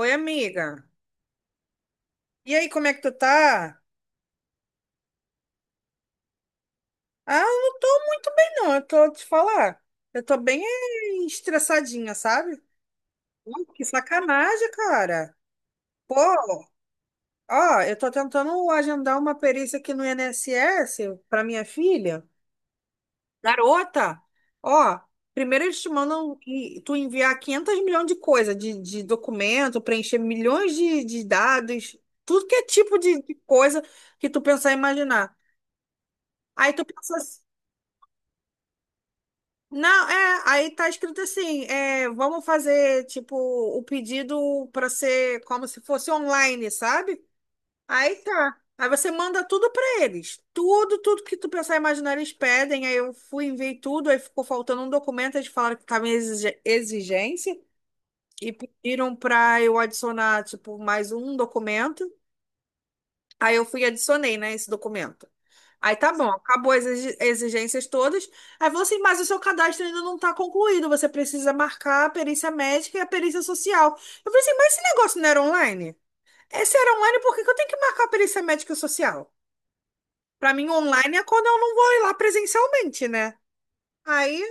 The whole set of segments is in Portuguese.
Oi, amiga. E aí, como é que tu tá? Ah, eu não tô muito bem, não. Eu tô te falar. Eu tô bem estressadinha, sabe? Ai, que sacanagem, cara. Pô, ó, eu tô tentando agendar uma perícia aqui no INSS pra minha filha. Garota, ó, primeiro eles tu enviar 500 milhões de coisa, de documento, preencher milhões de dados, tudo que é tipo de coisa que tu pensar e imaginar. Aí tu pensa assim. Não, é, aí tá escrito assim, é, vamos fazer, tipo, o pedido para ser como se fosse online, sabe? Aí tá. Aí você manda tudo para eles. Tudo, tudo que tu pensar e imaginar, eles pedem. Aí eu fui, enviei tudo, aí ficou faltando um documento, eles falaram que tava em exigência e pediram para eu adicionar, tipo, mais um documento. Aí eu fui e adicionei, né, esse documento. Aí tá bom, acabou as exigências todas. Aí falou assim, mas o seu cadastro ainda não tá concluído, você precisa marcar a perícia médica e a perícia social. Eu falei assim, mas esse negócio não era online? Esse era online, por que que eu tenho que marcar a perícia médica e social? Pra mim, online é quando eu não vou ir lá presencialmente, né? Aí,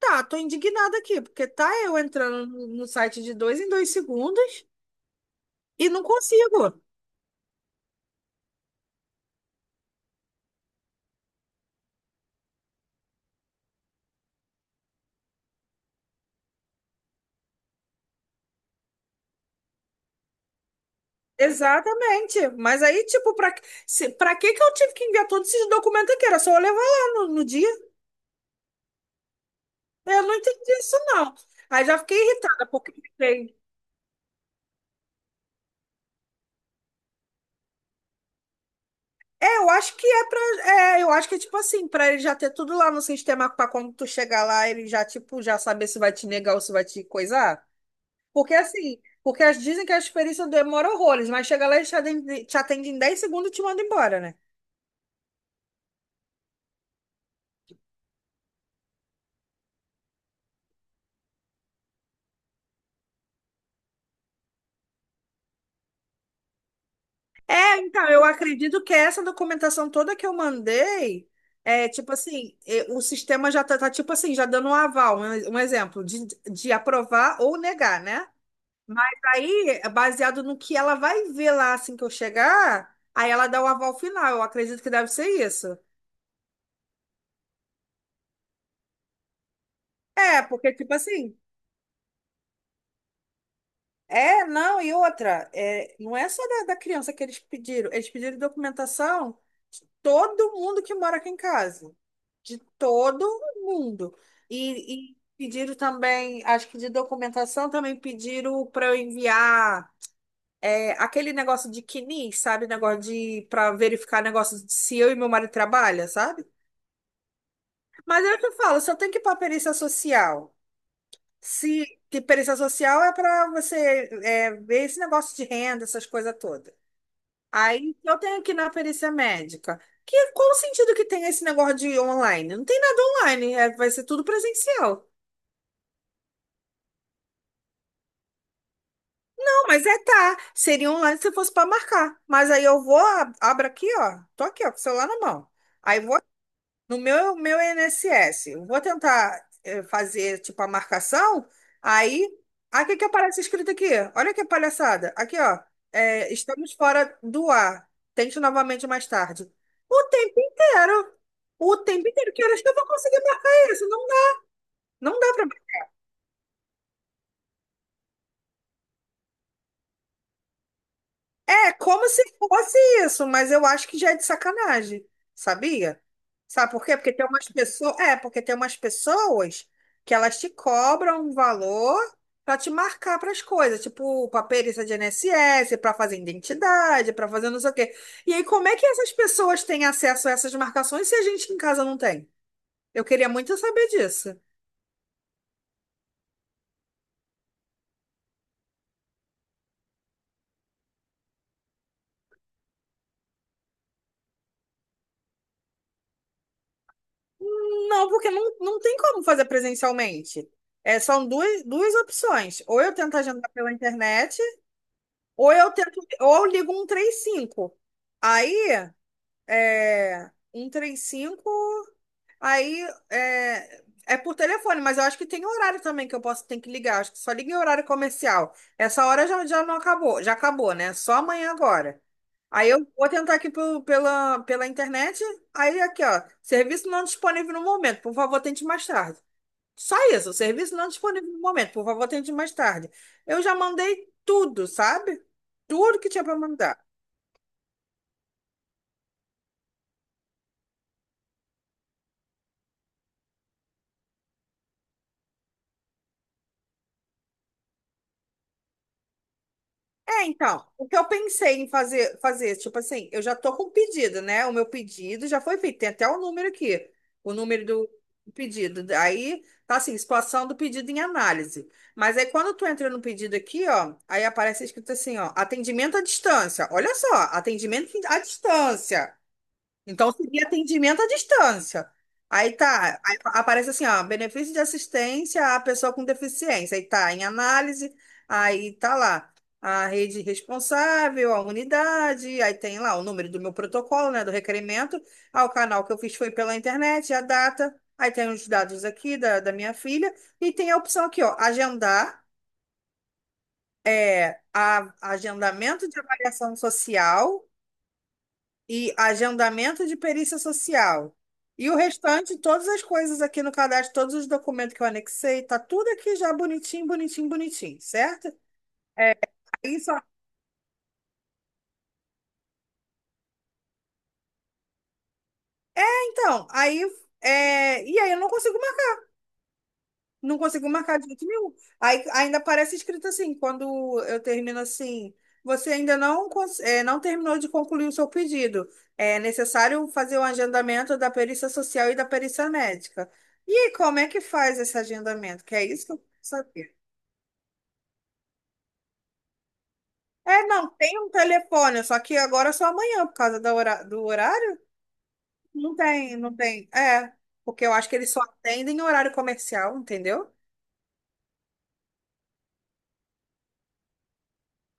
tá, tô indignada aqui, porque tá eu entrando no site de dois em dois segundos e não consigo. Exatamente. Mas aí, tipo, pra, se, pra que que eu tive que enviar todos esses documentos aqui? Era só eu levar lá no dia. Eu não entendi isso, não. Aí já fiquei irritada, porque fiquei. É, eu acho que é pra. É, eu acho que é tipo assim, pra ele já ter tudo lá no sistema, pra quando tu chegar lá, ele já, tipo, já saber se vai te negar ou se vai te coisar. Porque assim, porque as, dizem que a experiência demora horrores, mas chega lá e te atende em 10 segundos e te manda embora, né? Então, eu acredito que essa documentação toda que eu mandei, é tipo assim, é, o sistema já tá, tá, tipo assim, já dando um aval, um exemplo, de aprovar ou negar, né? Mas aí, baseado no que ela vai ver lá assim que eu chegar, aí ela dá o aval final. Eu acredito que deve ser isso. É, porque, tipo assim, é, não, e outra, é, não é só da criança que eles pediram documentação de todo mundo que mora aqui em casa, de todo mundo. E pediram também, acho que de documentação também pediram para eu enviar aquele negócio de CNIS, sabe? Negócio de para verificar negócio de se eu e meu marido trabalha, sabe? Mas é o que eu falo, só tem que ir para perícia social. Se que perícia social é para você é, ver esse negócio de renda, essas coisas todas. Aí eu tenho que ir na perícia médica. Que, qual o sentido que tem esse negócio de online? Não tem nada online, é- vai ser tudo presencial. Não, mas é tá. Seria online se fosse para marcar. Mas aí eu vou, abro aqui, ó. Tô aqui, ó, com o celular na mão. Aí vou no meu INSS, eu vou tentar fazer tipo a marcação, aí, aqui que aparece escrito aqui, olha que palhaçada, aqui ó, é, estamos fora do ar, tente novamente mais tarde. O tempo inteiro, o tempo inteiro, que horas que eu vou conseguir marcar isso? Não dá, não dá. É como se fosse isso, mas eu acho que já é de sacanagem, sabia? Sabe por quê? Porque tem umas pessoas, é, porque tem umas pessoas que elas te cobram um valor para te marcar para as coisas, tipo para perícia de I N S S para fazer identidade, para fazer não sei o quê. E aí, como é que essas pessoas têm acesso a essas marcações se a gente em casa não tem? Eu queria muito saber disso. Não, porque não, não tem como fazer presencialmente. É, são duas, duas opções. Ou eu tento agendar pela internet, ou eu tento, ou eu ligo 135. Aí, é, 135, aí é, é por telefone, mas eu acho que tem horário também que eu posso ter que ligar. Acho que só liga em horário comercial. Essa hora já, já não acabou, já acabou, né? Só amanhã agora. Aí eu vou tentar aqui pela, pela internet. Aí aqui, ó, serviço não disponível no momento. Por favor, tente mais tarde. Só isso, o serviço não disponível no momento, por favor, tente mais tarde. Eu já mandei tudo, sabe? Tudo que tinha para mandar. É, então, o que eu pensei em fazer, fazer, tipo assim, eu já tô com o pedido, né? O meu pedido já foi feito, tem até o número aqui, o número do pedido. Aí, tá assim, situação do pedido em análise. Mas aí, quando tu entra no pedido aqui, ó, aí aparece escrito assim, ó, atendimento à distância. Olha só, atendimento à distância. Então seria atendimento à distância. Aí tá, aí aparece assim, ó, benefício de assistência à pessoa com deficiência. Aí tá em análise, aí tá lá a rede responsável, a unidade, aí tem lá o número do meu protocolo, né, do requerimento. Ah, o canal que eu fiz foi pela internet, a data. Aí tem os dados aqui da minha filha e tem a opção aqui, ó, agendar, é, a, agendamento de avaliação social e agendamento de perícia social. E o restante, todas as coisas aqui no cadastro, todos os documentos que eu anexei, tá tudo aqui já bonitinho, bonitinho, bonitinho, certo? É, aí só- Então, aí, é, e aí eu não consigo. Não conseguiu marcar de jeito nenhum. Aí ainda aparece escrito assim, quando eu termino assim, você ainda não, não terminou de concluir o seu pedido. É necessário fazer o agendamento da perícia social e da perícia médica. E aí, como é que faz esse agendamento? Que é isso que eu quero saber. É, não, tem um telefone, só que agora é só amanhã, por causa do horário. Não tem, não tem. É, porque eu acho que eles só atendem em horário comercial, entendeu?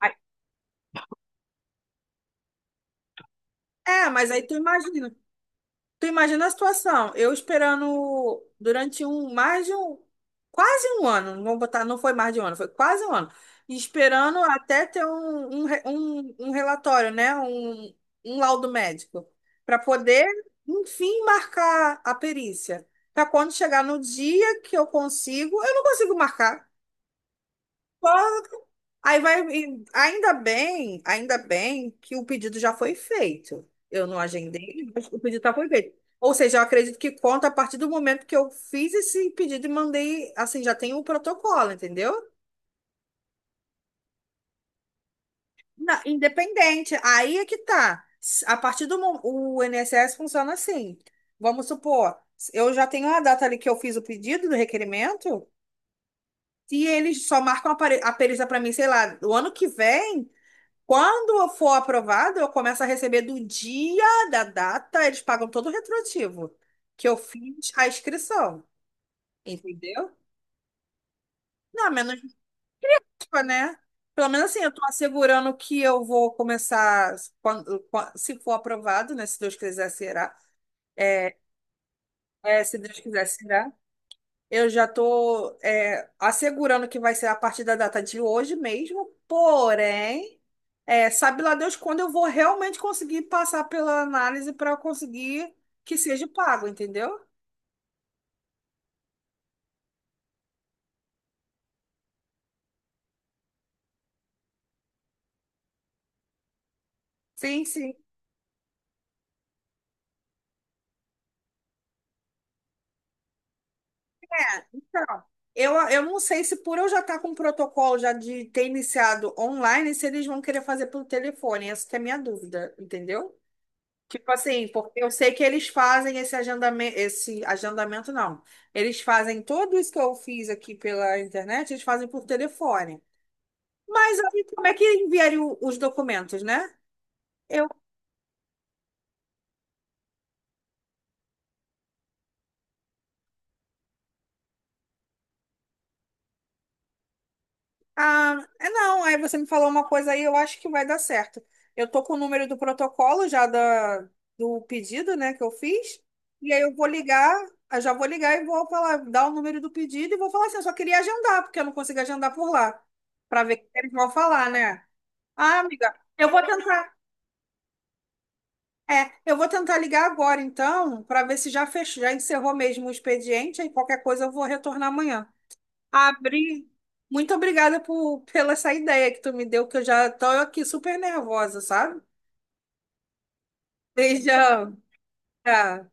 Aí- É, mas aí tu imagina. Tu imagina a situação, eu esperando durante um, mais de um, quase um ano, não vou botar, não foi mais de um ano, foi quase um ano, esperando até ter um, um, um, um relatório, né, um laudo médico, para poder, enfim, marcar a perícia. Para quando chegar no dia que eu consigo, eu não consigo marcar. Claro. Aí vai, e ainda bem que o pedido já foi feito. Eu não agendei, mas o pedido já foi feito. Ou seja, eu acredito que conta a partir do momento que eu fiz esse pedido e mandei, assim, já tem o protocolo, entendeu? Independente. Aí é que tá. S- A partir do mo- O INSS funciona assim. Vamos supor, eu já tenho a data ali que eu fiz o pedido do requerimento, e eles só marcam a a perícia para mim, sei lá, o ano que vem. Quando for aprovado, eu começo a receber do dia da data, eles pagam todo o retroativo, que eu fiz a inscrição, entendeu? Não, menos, tipo, né? Pelo menos assim, eu tô assegurando que eu vou começar, quando, se for aprovado, né? Se Deus quiser, será. É, se Deus quiser, será. Eu já estou assegurando que vai ser a partir da data de hoje mesmo, porém, é, sabe lá Deus quando eu vou realmente conseguir passar pela análise para conseguir que seja pago, entendeu? Sim, sim. É, então, eu não sei se por eu já estar com o protocolo já de ter iniciado online, se eles vão querer fazer pelo telefone. Essa que é a minha dúvida, entendeu? Tipo assim, porque eu sei que eles fazem esse agendamento não. Eles fazem tudo isso que eu fiz aqui pela internet, eles fazem por telefone. Mas aí como é que enviaria os documentos, né? Eu, ah, é não, aí você me falou uma coisa aí, eu acho que vai dar certo. Eu tô com o número do protocolo já da, do pedido, né, que eu fiz, e aí eu vou ligar, eu já vou ligar e vou falar, dar o número do pedido e vou falar assim, eu só queria agendar, porque eu não consigo agendar por lá, para ver o que eles vão falar, né? Ah, amiga, eu vou tentar. É, eu vou tentar ligar agora, então, para ver se já fechou, já encerrou mesmo o expediente. Aí qualquer coisa eu vou retornar amanhã. Abri. Muito obrigada por, pela essa ideia que tu me deu, que eu já tô aqui super nervosa, sabe? Beijão. Tchau.